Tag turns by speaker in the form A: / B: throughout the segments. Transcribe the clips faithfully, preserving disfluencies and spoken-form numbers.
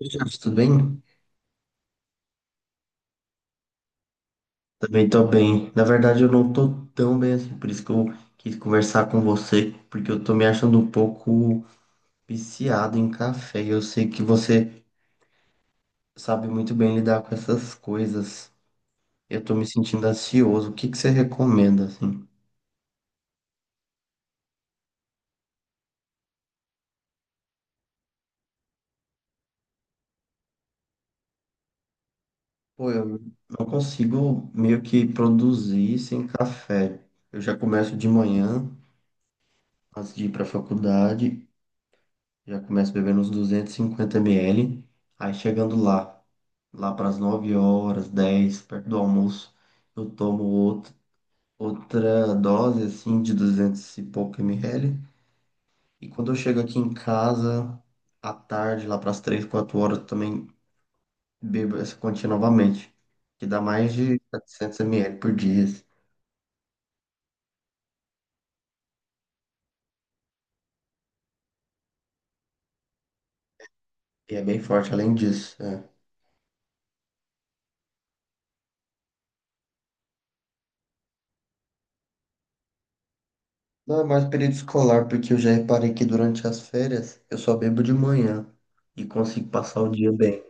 A: Oi, Jefferson, tudo bem? Também tô bem. Na verdade, eu não tô tão bem assim, por isso que eu quis conversar com você, porque eu tô me achando um pouco viciado em café. Eu sei que você sabe muito bem lidar com essas coisas. Eu tô me sentindo ansioso. O que que você recomenda, assim? Pô, eu não consigo meio que produzir sem café. Eu já começo de manhã, antes de ir pra faculdade. Já começo bebendo uns duzentos e cinquenta mililitros. Aí chegando lá, lá para as nove horas, dez perto do almoço, eu tomo outro, outra dose assim de duzentos e pouco ml. E quando eu chego aqui em casa, à tarde, lá para as três quatro horas, eu também bebo essa quantia novamente, que dá mais de setecentos mililitros por dia. Assim, E é bem forte além disso. É. Não é mais período escolar, porque eu já reparei que durante as férias eu só bebo de manhã e consigo passar o dia bem.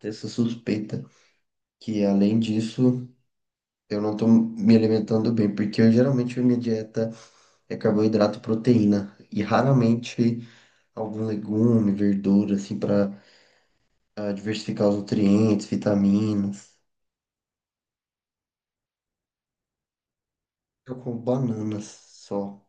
A: Tenho essa suspeita que, além disso, eu não tô me alimentando bem, porque eu, geralmente a minha dieta é carboidrato e proteína e raramente algum legume, verdura, assim, para diversificar os nutrientes, vitaminas. Eu como bananas só.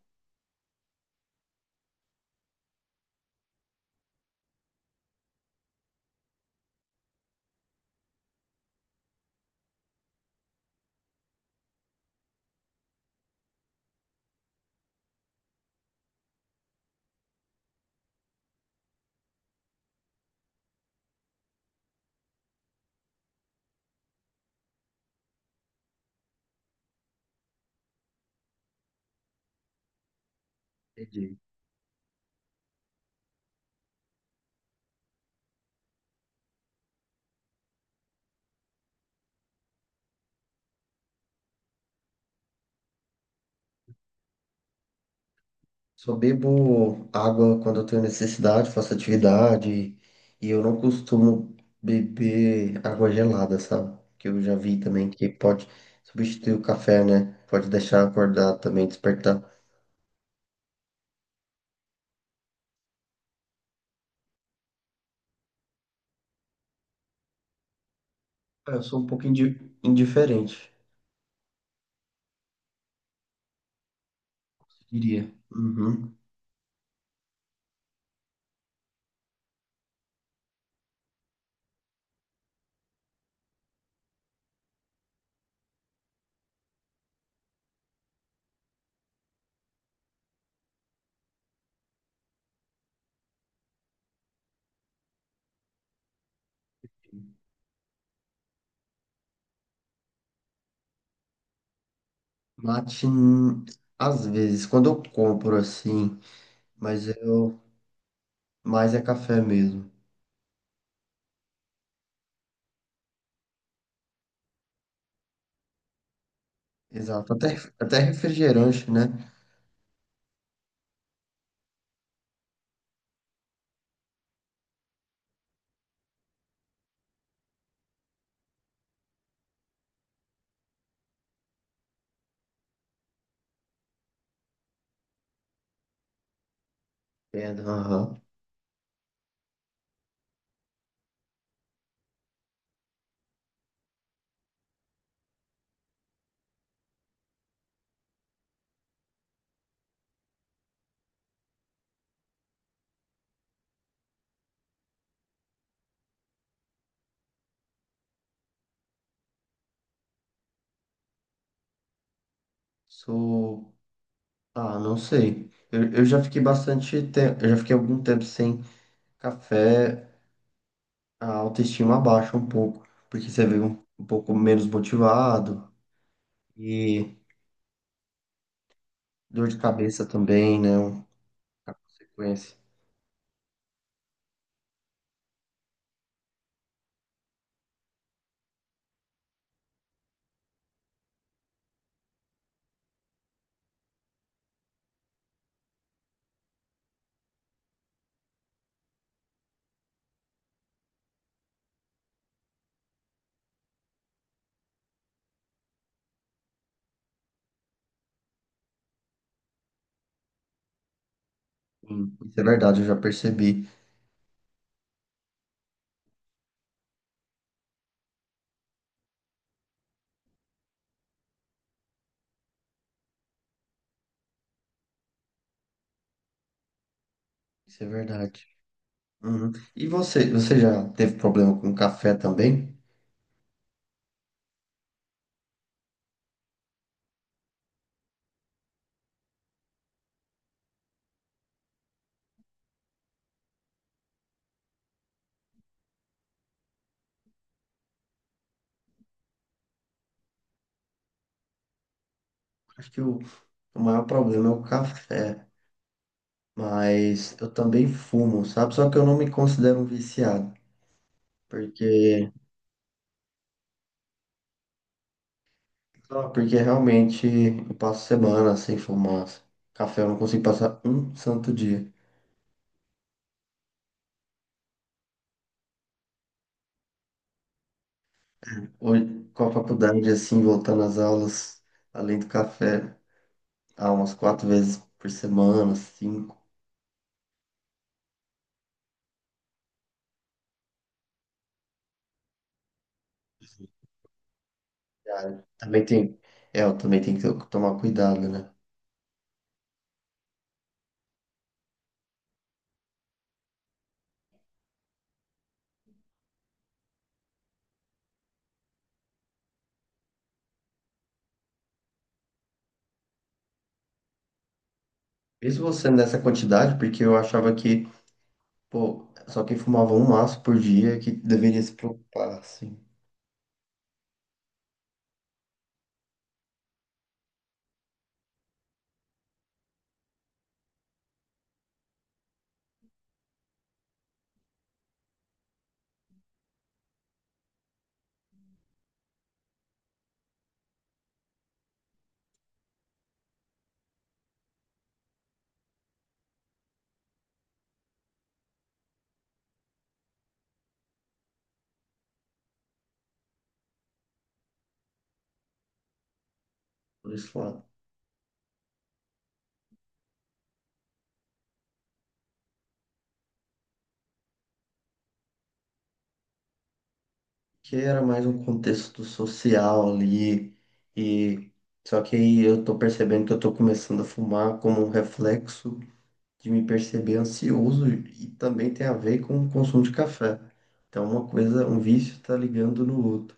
A: Entendi. Só bebo água quando eu tenho necessidade, faço atividade. E eu não costumo beber água gelada, sabe? Que eu já vi também que pode substituir o café, né? Pode deixar acordar também, despertar. Ah, eu sou um pouco indi- indiferente, diria. Uhum. Mate, hum, às vezes, quando eu compro assim, mas eu mais é café mesmo. Exato. Até, até refrigerante, né? É, aham. Sou. Ah, não sei. Eu, eu já fiquei bastante tempo, eu já fiquei algum tempo sem café, a autoestima abaixa um pouco, porque você vê um, um pouco menos motivado e dor de cabeça também, né? um- A consequência. Sim, isso é verdade, eu já percebi. Isso é verdade. Uhum. E você, você já teve problema com café também? Acho que o, o maior problema é o café, mas eu também fumo, sabe? Só que eu não me considero um viciado, porque não, porque realmente eu passo semana sem fumar. Café eu não consigo passar um santo dia. Hoje, com a faculdade, assim, voltando às aulas, além do café, há umas quatro vezes por semana, cinco. Cara, também tem, é, eu também tem que tomar cuidado, né? Mesmo você nessa quantidade, porque eu achava que, pô, só quem fumava um maço por dia que deveria se preocupar, assim, por isso que era mais um contexto social ali, e só que aí eu tô percebendo que eu tô começando a fumar como um reflexo de me perceber ansioso e também tem a ver com o consumo de café. Então uma coisa, um vício tá ligando no outro.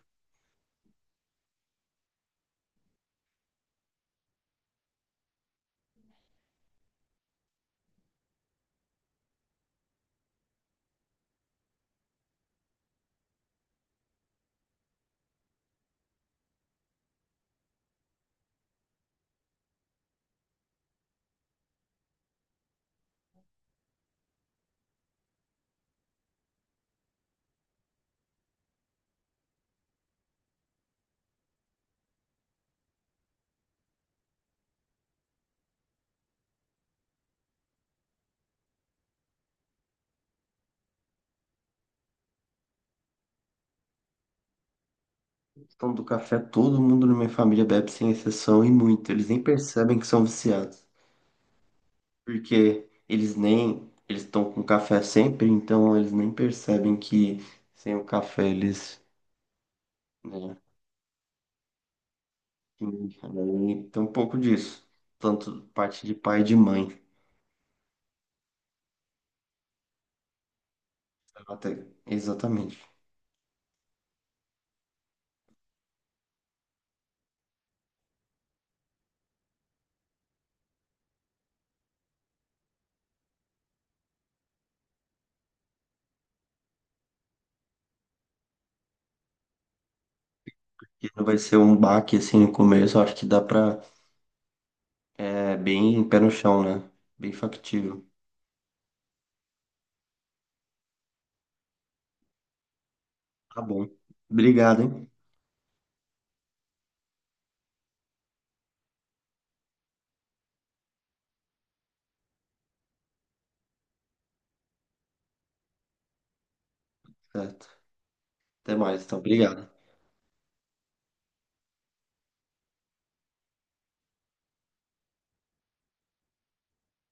A: Então do café todo mundo na minha família bebe sem exceção e muito. Eles nem percebem que são viciados, porque eles nem eles estão com café sempre, então eles nem percebem que sem o café eles, né. Sim, cara, e tem um pouco disso. Tanto parte de pai e de mãe. Até, exatamente. E não vai ser um baque assim no começo, eu acho que dá pra. É bem pé no chão, né? Bem factível. Tá bom. Obrigado, hein? Certo. Até mais, então. Obrigado.